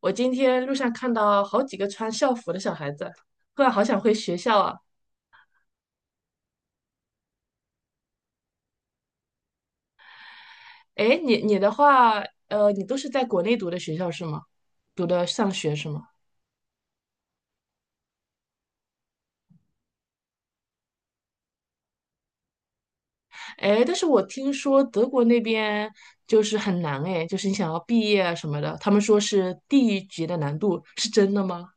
我今天路上看到好几个穿校服的小孩子，突然好想回学校啊！哎，你的话，你都是在国内读的学校是吗？读的上学是吗？哎，但是我听说德国那边就是很难哎，就是你想要毕业啊什么的，他们说是地狱级的难度，是真的吗？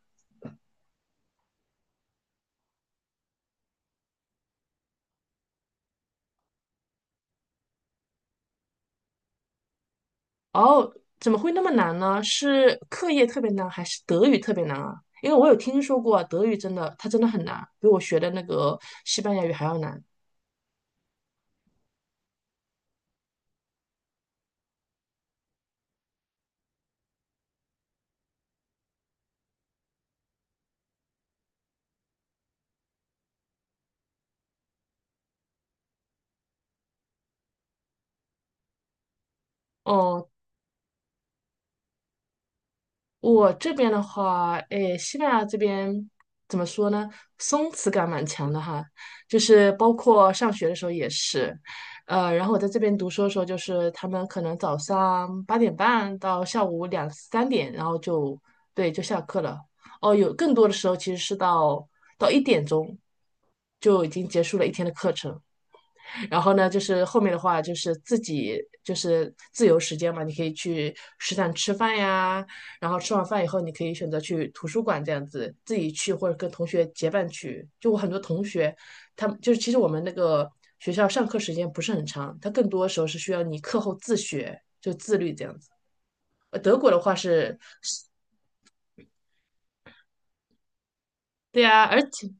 哦，怎么会那么难呢？是课业特别难，还是德语特别难啊？因为我有听说过啊德语真的，它真的很难，比我学的那个西班牙语还要难。哦，我这边的话，诶，西班牙这边怎么说呢？松弛感蛮强的哈，就是包括上学的时候也是，然后我在这边读书的时候，就是他们可能早上8:30到下午两三点，然后就对就下课了。哦，有更多的时候其实是到1点钟就已经结束了一天的课程。然后呢，就是后面的话就是自己就是自由时间嘛，你可以去食堂吃饭呀，然后吃完饭以后，你可以选择去图书馆这样子自己去，或者跟同学结伴去。就我很多同学，他们就是其实我们那个学校上课时间不是很长，它更多时候是需要你课后自学，就自律这样子。德国的话是。对呀，而且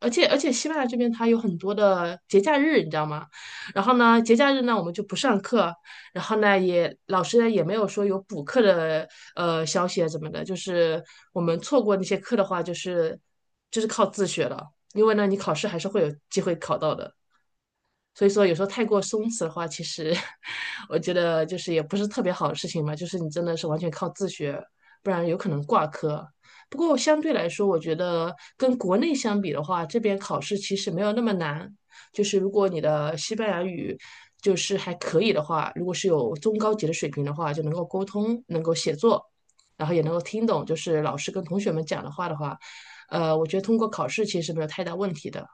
西班牙这边它有很多的节假日，你知道吗？然后呢，节假日呢我们就不上课，然后呢也老师呢也没有说有补课的消息啊怎么的，就是我们错过那些课的话，就是靠自学了，因为呢你考试还是会有机会考到的。所以说，有时候太过松弛的话，其实 我觉得就是也不是特别好的事情嘛。就是你真的是完全靠自学，不然有可能挂科。不过相对来说，我觉得跟国内相比的话，这边考试其实没有那么难。就是如果你的西班牙语就是还可以的话，如果是有中高级的水平的话，就能够沟通，能够写作，然后也能够听懂，就是老师跟同学们讲的话的话，我觉得通过考试其实没有太大问题的。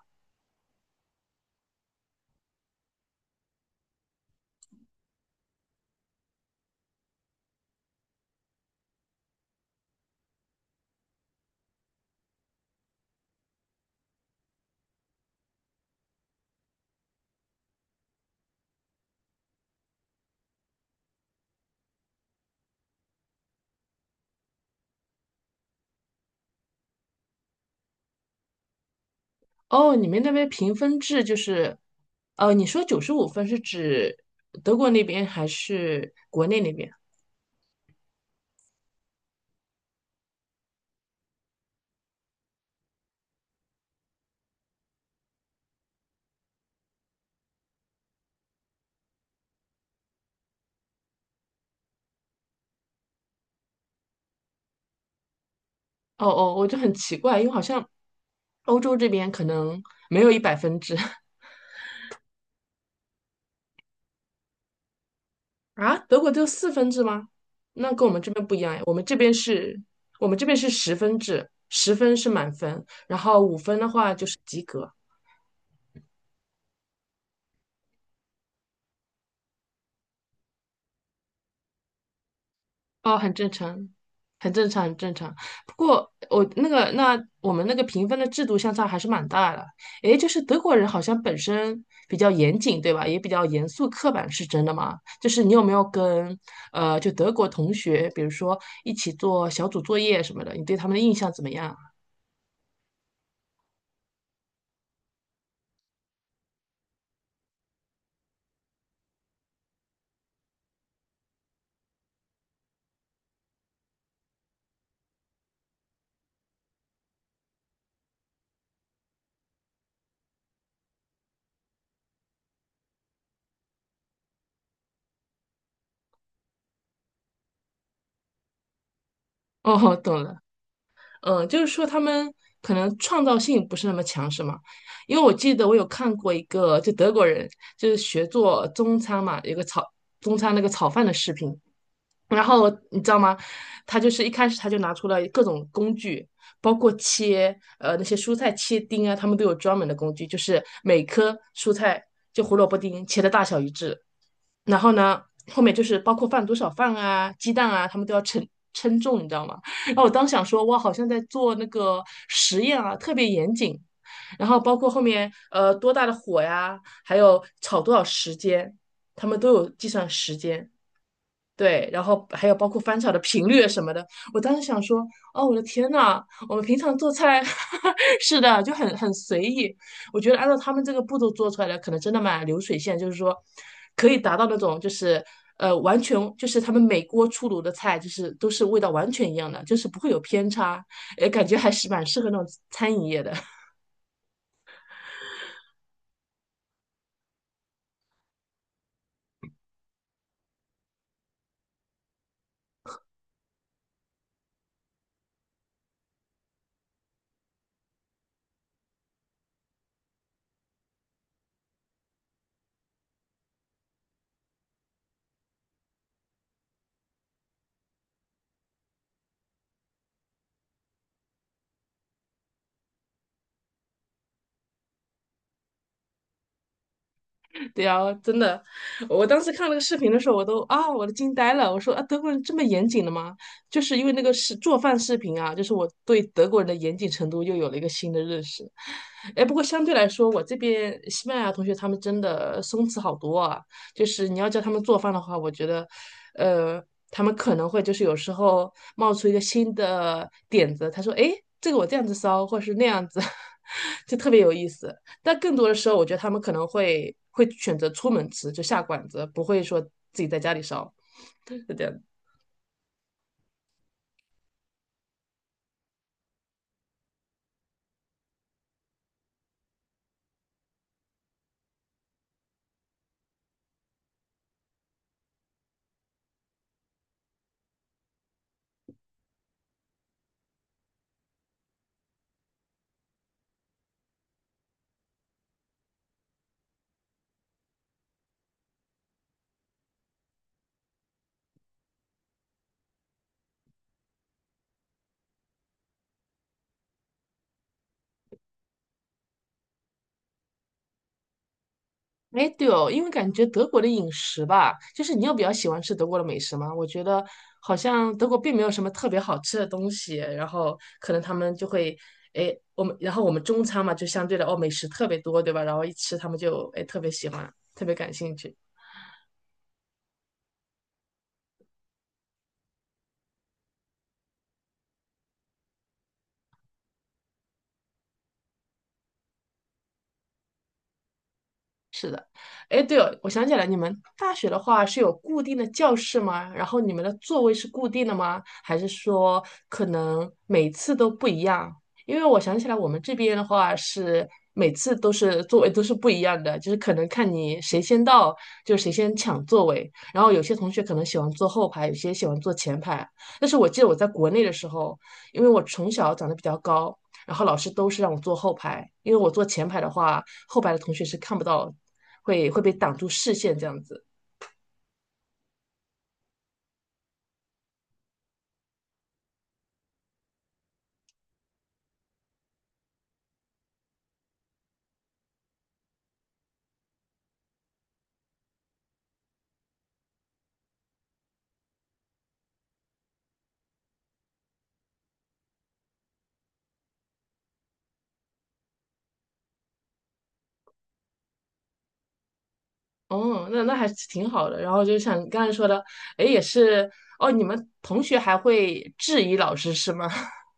哦，你们那边评分制就是，你说95分是指德国那边还是国内那边？哦哦，我就很奇怪，因为好像欧洲这边可能没有100分制。 啊，德国就有4分制吗？那跟我们这边不一样哎，我们这边是10分制，十分是满分，然后五分的话就是及格。哦，很正常，很正常，很正常。不过我们那个评分的制度相差还是蛮大的。诶，就是德国人好像本身比较严谨，对吧？也比较严肃刻板，是真的吗？就是你有没有跟就德国同学，比如说一起做小组作业什么的，你对他们的印象怎么样啊？哦，懂了。嗯，就是说他们可能创造性不是那么强，是吗？因为我记得我有看过一个，就德国人就是学做中餐嘛，有个炒中餐那个炒饭的视频，然后你知道吗？他就是一开始他就拿出了各种工具，包括切那些蔬菜切丁啊，他们都有专门的工具，就是每颗蔬菜就胡萝卜丁切的大小一致，然后呢，后面就是包括放多少饭啊、鸡蛋啊，他们都要称重，你知道吗？然后我当时想说，哇，好像在做那个实验啊，特别严谨。然后包括后面多大的火呀，还有炒多少时间，他们都有计算时间。对，然后还有包括翻炒的频率什么的，我当时想说，哦，我的天呐，我们平常做菜，是的，就很随意。我觉得按照他们这个步骤做出来的，可能真的蛮流水线，就是说可以达到那种就是完全就是他们每锅出炉的菜，就是都是味道完全一样的，就是不会有偏差，也感觉还是蛮适合那种餐饮业的。对呀，真的，我当时看那个视频的时候，我都惊呆了。我说啊，德国人这么严谨的吗？就是因为那个是做饭视频啊，就是我对德国人的严谨程度又有了一个新的认识。哎，不过相对来说，我这边西班牙同学他们真的松弛好多啊。就是你要叫他们做饭的话，我觉得，呃，他们可能会就是有时候冒出一个新的点子，他说：“哎，这个我这样子烧，或是那样子，就特别有意思。”但更多的时候，我觉得他们可能会选择出门吃，就下馆子，不会说自己在家里烧，是这样子。哎，对哦，因为感觉德国的饮食吧，就是你有比较喜欢吃德国的美食吗？我觉得好像德国并没有什么特别好吃的东西，然后可能他们就会，哎，我们中餐嘛，就相对的哦，美食特别多，对吧？然后一吃他们就哎特别喜欢，特别感兴趣。哎，对哦，我想起来，你们大学的话是有固定的教室吗？然后你们的座位是固定的吗？还是说可能每次都不一样？因为我想起来，我们这边的话是每次都是座位都是不一样的，就是可能看你谁先到，就谁先抢座位。然后有些同学可能喜欢坐后排，有些喜欢坐前排。但是我记得我在国内的时候，因为我从小长得比较高，然后老师都是让我坐后排，因为我坐前排的话，后排的同学是看不到，会被挡住视线这样子。哦，那还是挺好的。然后就像你刚才说的，哎，也是哦，你们同学还会质疑老师是吗？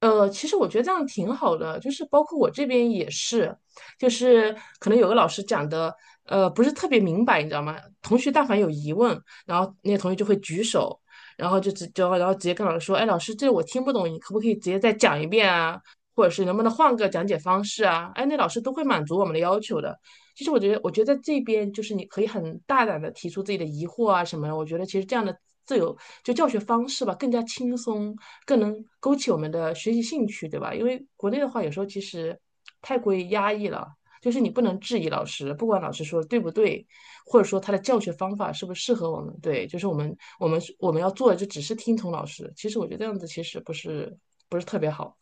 其实我觉得这样挺好的，就是包括我这边也是，就是可能有个老师讲的，不是特别明白，你知道吗？同学但凡有疑问，然后那些同学就会举手，然后直接跟老师说，哎，老师，这我听不懂，你可不可以直接再讲一遍啊？或者是能不能换个讲解方式啊？哎，那老师都会满足我们的要求的。其实我觉得在这边就是你可以很大胆的提出自己的疑惑啊什么的。我觉得其实这样的自由就教学方式吧，更加轻松，更能勾起我们的学习兴趣，对吧？因为国内的话，有时候其实太过于压抑了，就是你不能质疑老师，不管老师说对不对，或者说他的教学方法是不是适合我们，对，就是我们要做的就只是听从老师。其实我觉得这样子其实不是特别好。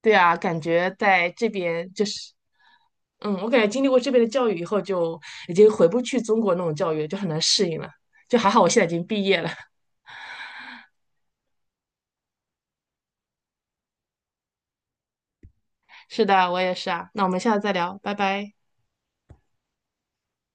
对啊，感觉在这边就是，嗯，我感觉经历过这边的教育以后，就已经回不去中国那种教育了就很难适应了。就还好我现在已经毕业了。是的，我也是啊。那我们下次再聊，拜拜。